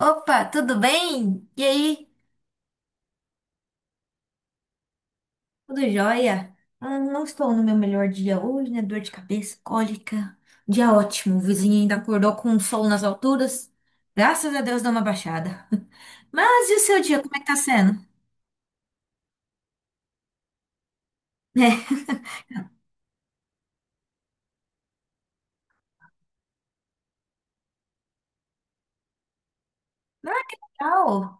Opa, tudo bem? E aí? Tudo jóia? Ah, não estou no meu melhor dia hoje, né? Dor de cabeça, cólica. Dia ótimo. O vizinho ainda acordou com o sol nas alturas. Graças a Deus deu uma baixada. Mas e o seu dia, como é que tá sendo? É. Ah, que legal!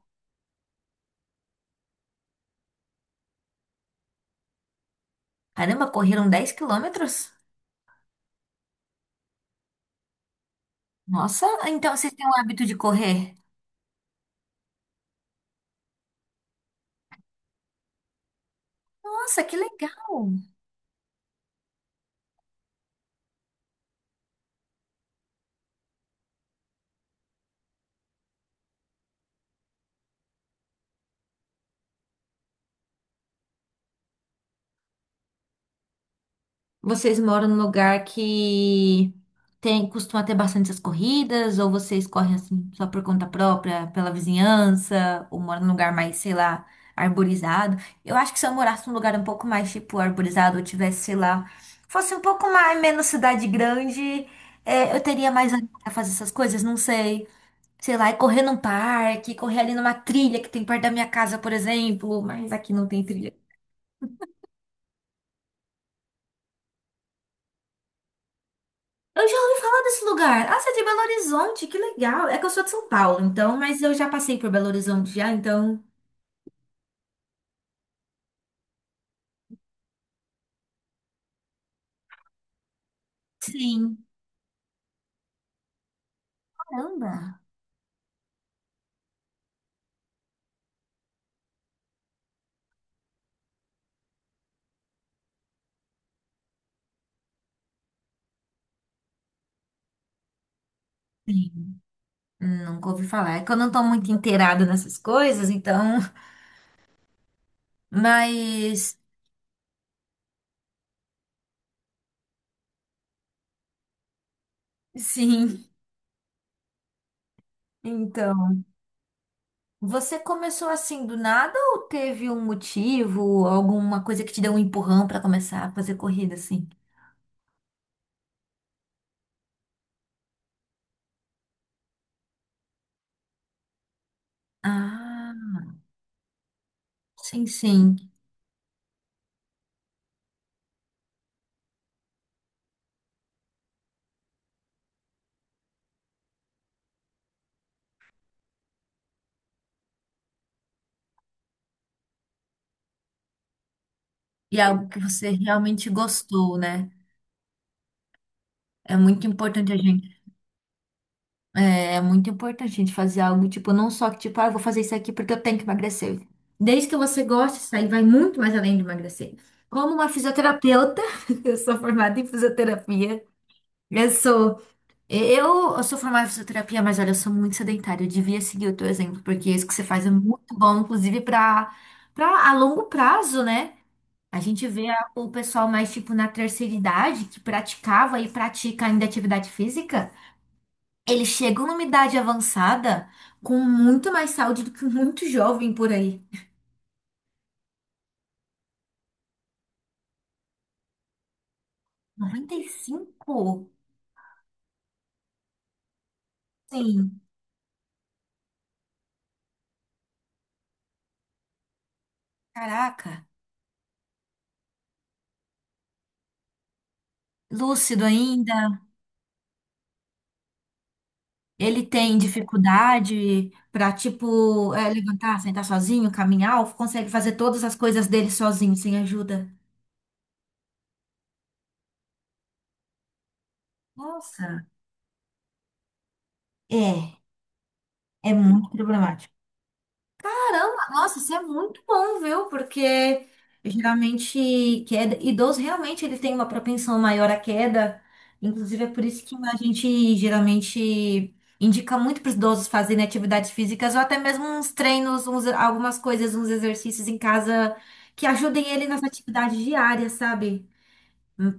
Caramba, correram 10 quilômetros? Nossa, então vocês têm o hábito de correr? Nossa, que legal! Vocês moram num lugar que tem, costuma ter bastante as corridas, ou vocês correm assim só por conta própria, pela vizinhança, ou moram num lugar mais, sei lá, arborizado? Eu acho que se eu morasse num lugar um pouco mais tipo arborizado, ou tivesse, sei lá, fosse um pouco mais menos cidade grande, é, eu teria mais ânimo pra fazer essas coisas, não sei. Sei lá, e correr num parque, correr ali numa trilha que tem perto da minha casa, por exemplo, mas aqui não tem trilha. Eu já ouvi falar desse lugar. Ah, você é de Belo Horizonte, que legal. É que eu sou de São Paulo, então, mas eu já passei por Belo Horizonte já, então. Sim. Caramba! Sim. Nunca ouvi falar. É que eu não tô muito inteirada nessas coisas, então. Mas. Sim. Então. Você começou assim do nada ou teve um motivo, alguma coisa que te deu um empurrão pra começar a fazer corrida assim? Ah, sim, sim. E algo que você realmente gostou, né? É muito importante a gente. É muito importante a gente fazer algo, tipo, não só que, tipo, ah, eu vou fazer isso aqui porque eu tenho que emagrecer. Desde que você goste, isso aí vai muito mais além de emagrecer. Como uma fisioterapeuta, eu sou formada em fisioterapia. Eu sou, eu sou formada em fisioterapia, mas olha, eu sou muito sedentária. Eu devia seguir o teu exemplo, porque isso que você faz é muito bom, inclusive para a longo prazo, né? A gente vê o pessoal mais, tipo, na terceira idade, que praticava e pratica ainda atividade física. Eles chegam numa idade avançada com muito mais saúde do que muito jovem por aí. 95, sim, caraca. Lúcido ainda. Ele tem dificuldade para, tipo, é, levantar, sentar sozinho, caminhar, ou consegue fazer todas as coisas dele sozinho, sem ajuda. Nossa. É, é muito problemático. Caramba, nossa, isso é muito bom, viu? Porque geralmente queda, idoso realmente ele tem uma propensão maior à queda. Inclusive é por isso que a gente geralmente indica muito para os idosos fazerem atividades físicas ou até mesmo uns treinos, uns, algumas coisas, uns exercícios em casa que ajudem ele nas atividades diárias, sabe?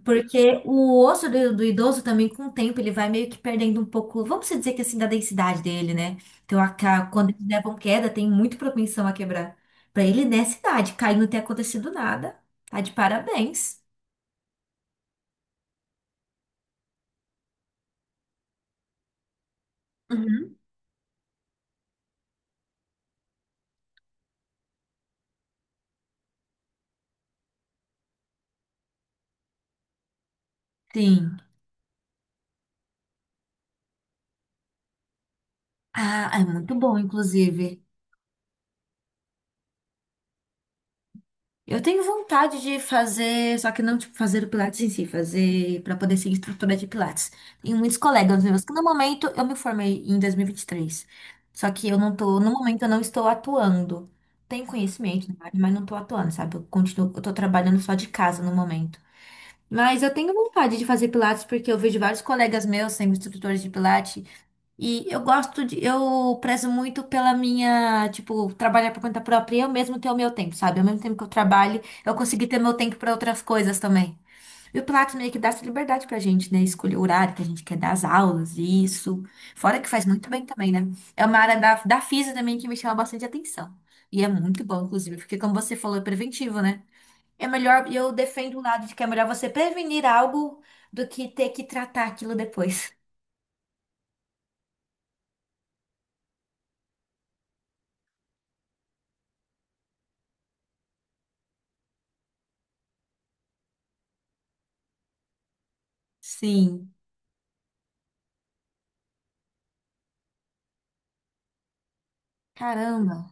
Porque o osso do idoso também, com o tempo, ele vai meio que perdendo um pouco, vamos dizer que assim, da densidade dele, né? Então, quando eles levam queda, tem muito propensão a quebrar. Pra ele, nessa idade, cair e não ter acontecido nada, tá de parabéns. Uhum. Sim. Ah, é muito bom, inclusive. Eu tenho vontade de fazer, só que não, tipo, fazer o Pilates em si, fazer para poder ser instrutora de Pilates. Tenho muitos colegas meus que no momento eu me formei em 2023. Só que eu não tô, no momento eu não estou atuando. Tenho conhecimento na área, mas não tô atuando, sabe? Eu continuo, eu tô trabalhando só de casa no momento. Mas eu tenho vontade de fazer Pilates porque eu vejo vários colegas meus sendo instrutores de Pilates e eu gosto de, eu prezo muito pela minha, tipo, trabalhar por conta própria e eu mesmo ter o meu tempo, sabe? Ao mesmo tempo que eu trabalho, eu consegui ter meu tempo para outras coisas também. E o Pilates meio que dá essa liberdade pra gente, né? Escolher o horário que a gente quer dar as aulas, e isso. Fora que faz muito bem também, né? É uma área da física também que me chama bastante atenção. E é muito bom, inclusive, porque como você falou, é preventivo, né? É melhor, e eu defendo o lado de que é melhor você prevenir algo do que ter que tratar aquilo depois. Sim. Caramba.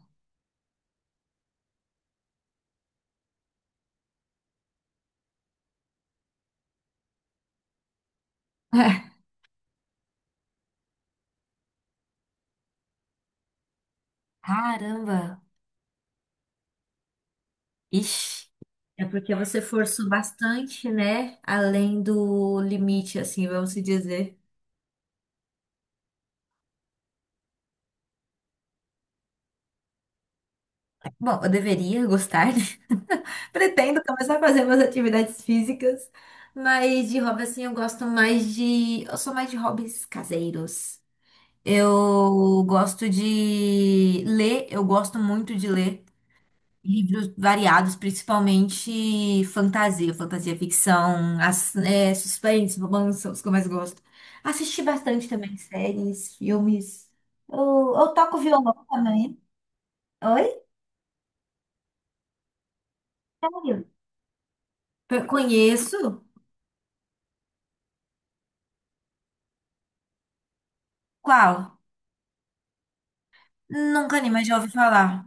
Caramba! Ixi! É porque você forçou bastante, né? Além do limite, assim, vamos se dizer. Bom, eu deveria gostar, né? Pretendo começar a fazer minhas atividades físicas, mas de hobby, assim, eu gosto mais de. Eu sou mais de hobbies caseiros. Eu gosto de ler, eu gosto muito de ler. Livros variados, principalmente fantasia, fantasia ficção, é, suspense, romance, são os que eu mais gosto. Assisti bastante também séries, filmes. Eu toco violão também. Oi? Sério? Eu conheço? Qual? Nunca nem mais já ouvi falar.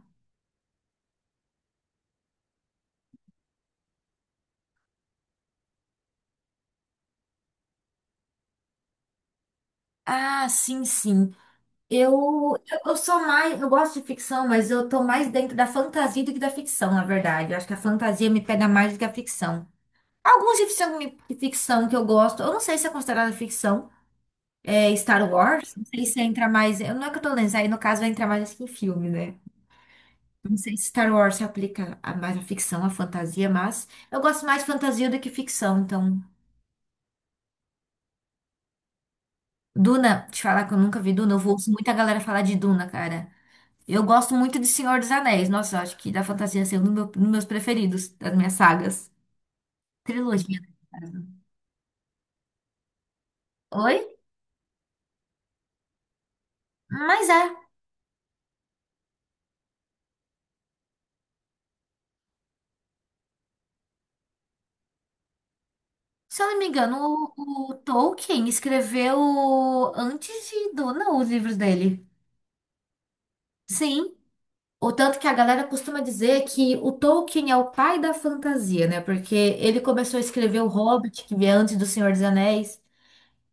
Ah, sim, sim. Eu, eu sou mais. Eu gosto de ficção, mas eu tô mais dentro da fantasia do que da ficção, na verdade. Eu acho que a fantasia me pega mais do que a ficção. Alguns de ficção que eu gosto, eu não sei se é considerada ficção, é Star Wars, não sei se entra mais, não é que eu tô lendo, isso aí no caso vai entrar mais acho que em filme, né? Não sei se Star Wars se aplica a mais à ficção, à fantasia, mas eu gosto mais de fantasia do que ficção, então... Duna, te falar que eu nunca vi Duna, eu ouço muita galera falar de Duna, cara. Eu gosto muito de Senhor dos Anéis, nossa, eu acho que da fantasia assim, é um do dos meus preferidos, das minhas sagas. Trilogia, né, no caso. Oi? Mas é. Se eu não me engano, o Tolkien escreveu antes de Duna os livros dele. Sim. O tanto que a galera costuma dizer que o Tolkien é o pai da fantasia, né? Porque ele começou a escrever O Hobbit, que veio antes do Senhor dos Anéis.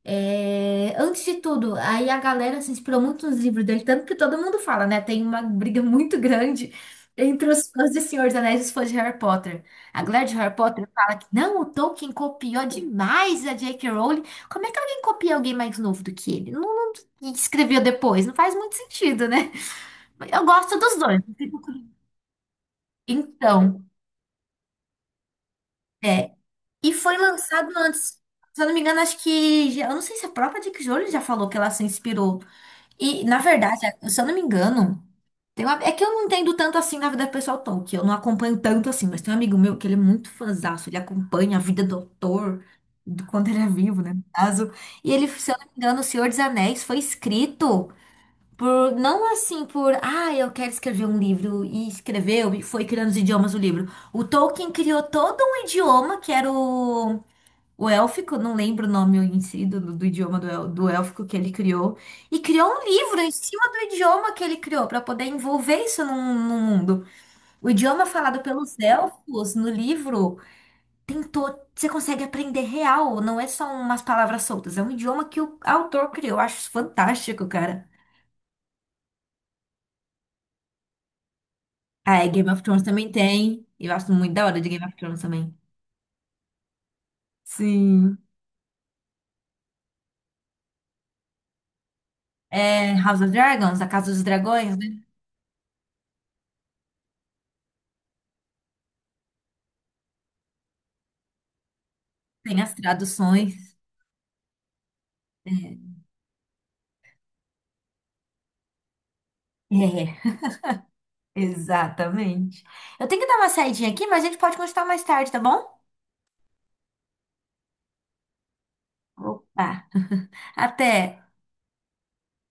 É, antes de tudo, aí a galera se inspirou muito nos livros dele, tanto que todo mundo fala, né? Tem uma briga muito grande entre os fãs de Senhor dos Anéis e os fãs de Harry Potter. A galera de Harry Potter fala que não, o Tolkien copiou demais a J.K. Rowling. Como é que alguém copia alguém mais novo do que ele? Não, não e escreveu depois, não faz muito sentido, né? Mas eu gosto dos dois, não fico Então, é. E foi lançado antes. Se eu não me engano, acho que eu não sei se a própria J.K. Rowling já falou que ela se inspirou. E, na verdade, é, se eu não me engano, tem é que eu não entendo tanto assim na vida pessoal Tolkien, que eu não acompanho tanto assim, mas tem um amigo meu que ele é muito fãzaço, ele acompanha a vida do autor, do quando ele é vivo, né, no caso. E ele, se eu não me engano, O Senhor dos Anéis foi escrito por, não assim por, ah, eu quero escrever um livro, e escreveu, e foi criando os idiomas do livro. O Tolkien criou todo um idioma que era o élfico, não lembro o nome em si do, do idioma do, do élfico que ele criou, e criou um livro em cima do idioma que ele criou, para poder envolver isso num mundo. O idioma falado pelos elfos no livro tentou, você consegue aprender real, não é só umas palavras soltas, é um idioma que o autor criou. Eu acho isso fantástico, cara. Ah, é, Game of Thrones também tem. Eu acho muito da hora de Game of Thrones também. Sim. É House of Dragons, A Casa dos Dragões, né? Tem as traduções. É. é. Exatamente. Eu tenho que dar uma saidinha aqui, mas a gente pode continuar mais tarde, tá bom? Opa, até!